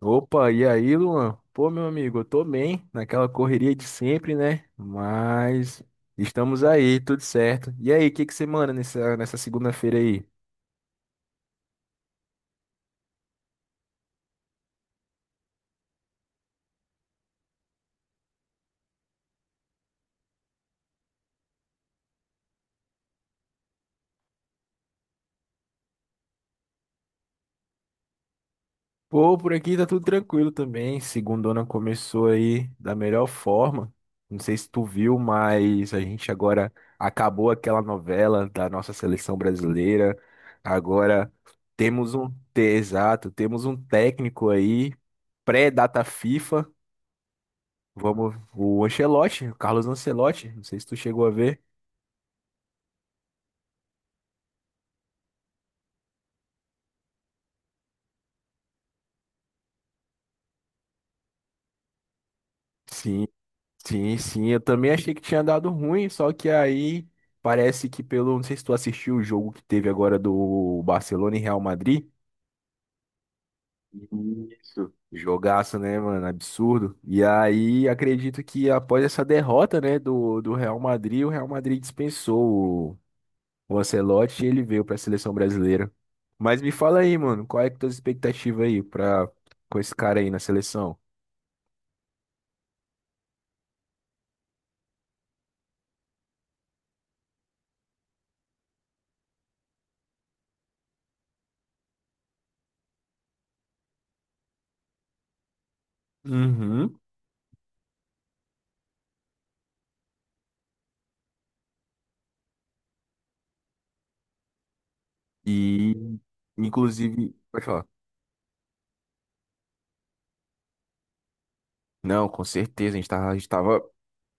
Opa, e aí, Luan? Pô, meu amigo, eu tô bem, naquela correria de sempre, né? Mas estamos aí, tudo certo. E aí, o que que você manda nessa segunda-feira aí? Pô, por aqui tá tudo tranquilo também. Segundona começou aí da melhor forma. Não sei se tu viu, mas a gente agora acabou aquela novela da nossa seleção brasileira. Agora exato, temos um técnico aí, pré-data FIFA. Vamos, o Ancelotti, o Carlos Ancelotti, não sei se tu chegou a ver. Sim, sim, sim, eu também achei que tinha dado ruim, só que aí parece que pelo, não sei se tu assistiu o jogo que teve agora do Barcelona e Real Madrid. Isso. Jogaço, né, mano? Absurdo. E aí, acredito que após essa derrota, né, do Real Madrid, o Real Madrid dispensou o Ancelotti e ele veio pra seleção brasileira. Mas me fala aí, mano, qual é que tua expectativa aí pra, com esse cara aí na seleção? Uhum. E, inclusive, pode falar. Não, com certeza, a gente tava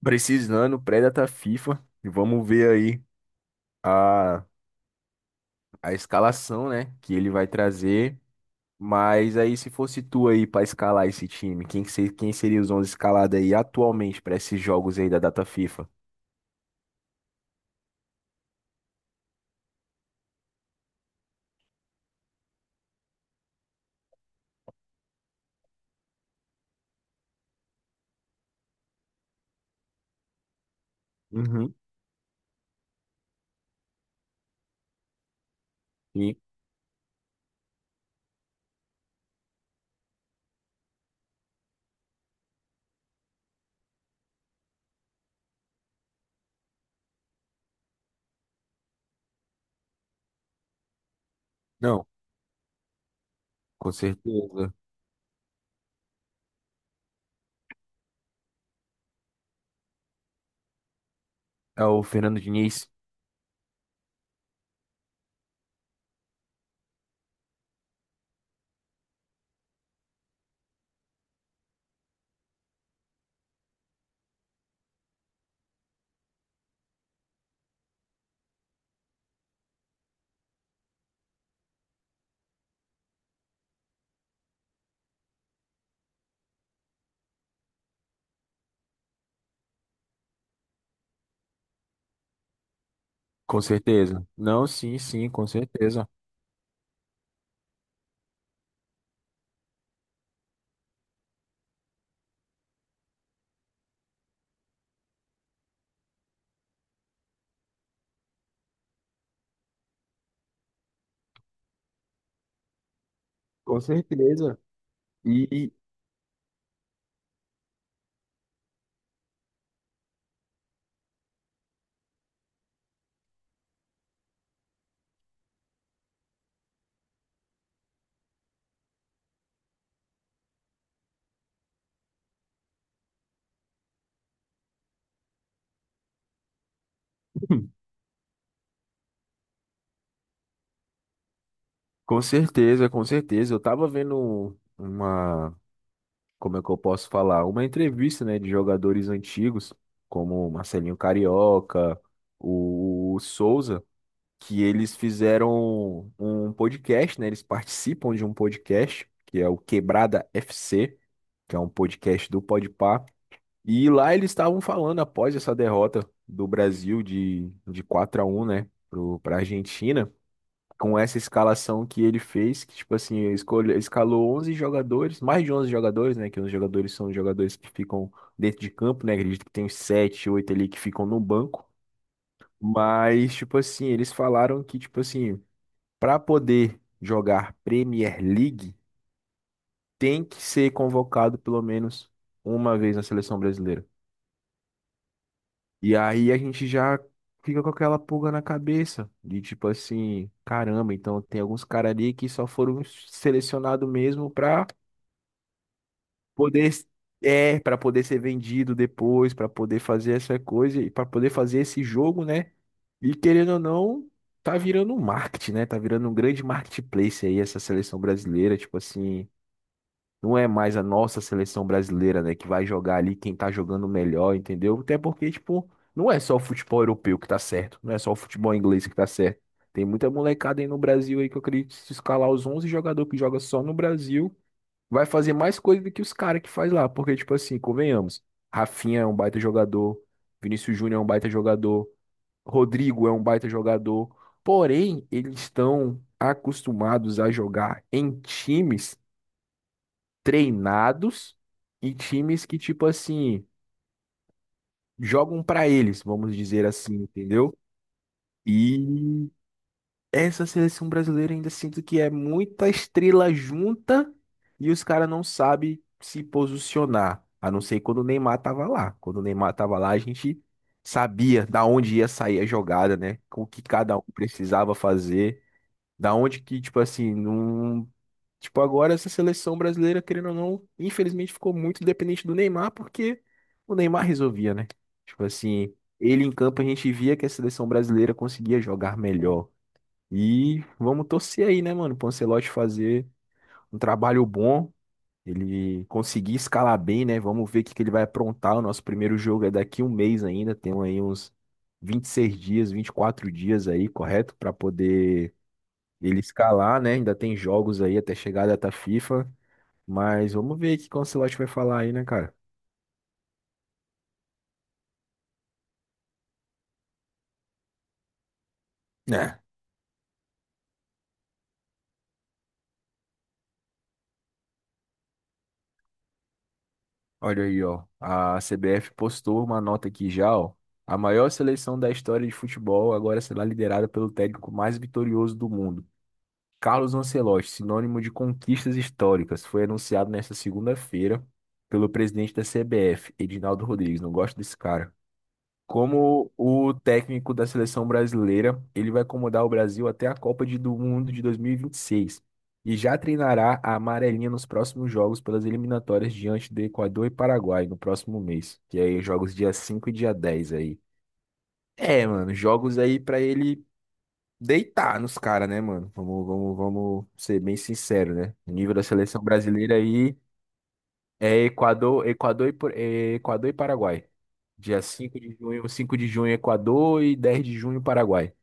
precisando pré-data FIFA. E vamos ver aí a, a escalação, né, que ele vai trazer. Mas aí, se fosse tu aí pra escalar esse time, quem, que ser, quem seria os 11 escalados aí atualmente pra esses jogos aí da data FIFA? Uhum. Sim. Não, com certeza. É o Fernando Diniz? Com certeza. Não, sim, com certeza. Com certeza. E, Com certeza, com certeza. Eu tava vendo uma, como é que eu posso falar? Uma entrevista, né, de jogadores antigos, como o Marcelinho Carioca, o Souza, que eles fizeram um podcast, né? Eles participam de um podcast, que é o Quebrada FC, que é um podcast do Podpah. E lá eles estavam falando após essa derrota do Brasil de 4 a 1 né, para a Argentina com essa escalação que ele fez, que tipo assim, escolhe, escalou 11 jogadores, mais de 11 jogadores, né, que os jogadores são os jogadores que ficam dentro de campo, né, acredito que tem uns 7 8 ali que ficam no banco, mas tipo assim, eles falaram que tipo assim, para poder jogar Premier League, tem que ser convocado pelo menos uma vez na seleção brasileira. E aí a gente já fica com aquela pulga na cabeça de tipo assim, caramba, então tem alguns caras ali que só foram selecionados mesmo pra poder é, para poder ser vendido depois, pra poder fazer essa coisa e pra poder fazer esse jogo, né? E querendo ou não, tá virando um marketing, né? Tá virando um grande marketplace aí essa seleção brasileira, tipo assim, não é mais a nossa seleção brasileira, né, que vai jogar ali quem tá jogando melhor, entendeu? Até porque, tipo, não é só o futebol europeu que tá certo, não é só o futebol inglês que tá certo. Tem muita molecada aí no Brasil aí que eu acredito que se escalar os 11 jogadores que joga só no Brasil, vai fazer mais coisa do que os caras que faz lá, porque, tipo assim, convenhamos, Rafinha é um baita jogador, Vinícius Júnior é um baita jogador, Rodrigo é um baita jogador, porém, eles estão acostumados a jogar em times treinados e times que, tipo assim, jogam pra eles, vamos dizer assim, entendeu? E essa seleção brasileira ainda sinto que é muita estrela junta e os caras não sabem se posicionar. A não ser quando o Neymar tava lá. Quando o Neymar tava lá, a gente sabia da onde ia sair a jogada, né? O que cada um precisava fazer. Da onde que, tipo assim, não. Tipo, agora essa seleção brasileira, querendo ou não, infelizmente ficou muito dependente do Neymar, porque o Neymar resolvia, né? Tipo assim, ele em campo a gente via que a seleção brasileira conseguia jogar melhor. E vamos torcer aí, né, mano, pro Ancelotti fazer um trabalho bom, ele conseguir escalar bem, né? Vamos ver o que que ele vai aprontar. O nosso primeiro jogo é daqui um mês ainda, tem aí uns 26 dias, 24 dias aí, correto? Pra poder ele escalar, né? Ainda tem jogos aí até chegar a data FIFA. Mas vamos ver o que o Ancelotti vai falar aí, né, cara? É. Olha aí, ó. A CBF postou uma nota aqui já, ó. A maior seleção da história de futebol agora será liderada pelo técnico mais vitorioso do mundo. Carlos Ancelotti, sinônimo de conquistas históricas, foi anunciado nesta segunda-feira pelo presidente da CBF, Edinaldo Rodrigues. Não gosto desse cara. Como o técnico da seleção brasileira, ele vai comandar o Brasil até a Copa de- do Mundo de dois mil e vinte e seis e já treinará a amarelinha nos próximos jogos pelas eliminatórias diante do Equador e Paraguai no próximo mês, que aí jogos dia 5 e dia 10 aí. É, mano, jogos aí pra ele deitar nos caras, né, mano? Vamos ser bem sincero, né? O nível da seleção brasileira aí é Equador, Equador e, Por- é Equador e Paraguai. Dia 5 de junho, 5 de junho Equador e 10 de junho Paraguai.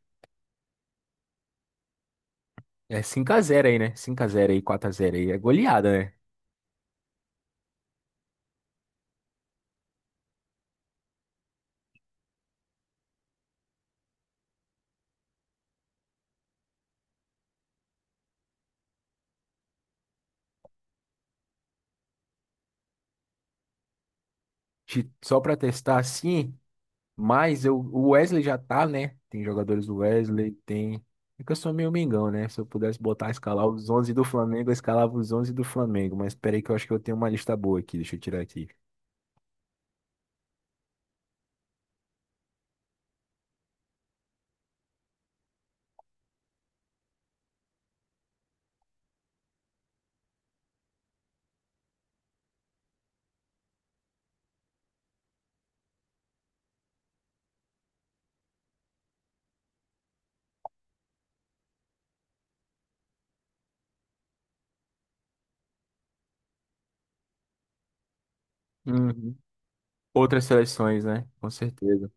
É 5 a 0 aí, né? 5 a 0 aí, 4 a 0 aí. É goleada, né? Só pra testar assim, mas eu, o Wesley já tá, né? Tem jogadores do Wesley, tem. É que eu sou meio mengão, né? Se eu pudesse botar, escalar os 11 do Flamengo, eu escalava os 11 do Flamengo. Mas peraí que eu acho que eu tenho uma lista boa aqui, deixa eu tirar aqui. Uhum. Outras seleções, né? Com certeza.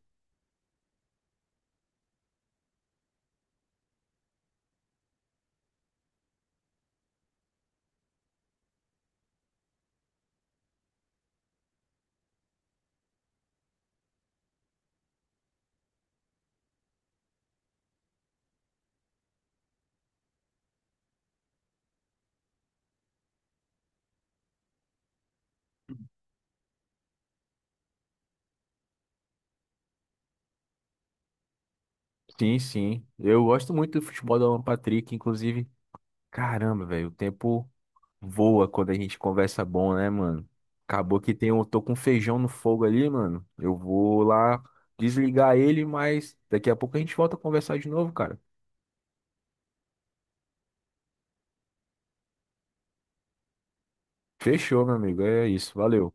Sim, sim. Eu gosto muito do futebol do Alan Patrick, inclusive. Caramba, velho, o tempo voa quando a gente conversa bom, né, mano? Acabou que tem um, tô com um feijão no fogo ali, mano. Eu vou lá desligar ele, mas daqui a pouco a gente volta a conversar de novo, cara. Fechou, meu amigo. É isso. Valeu.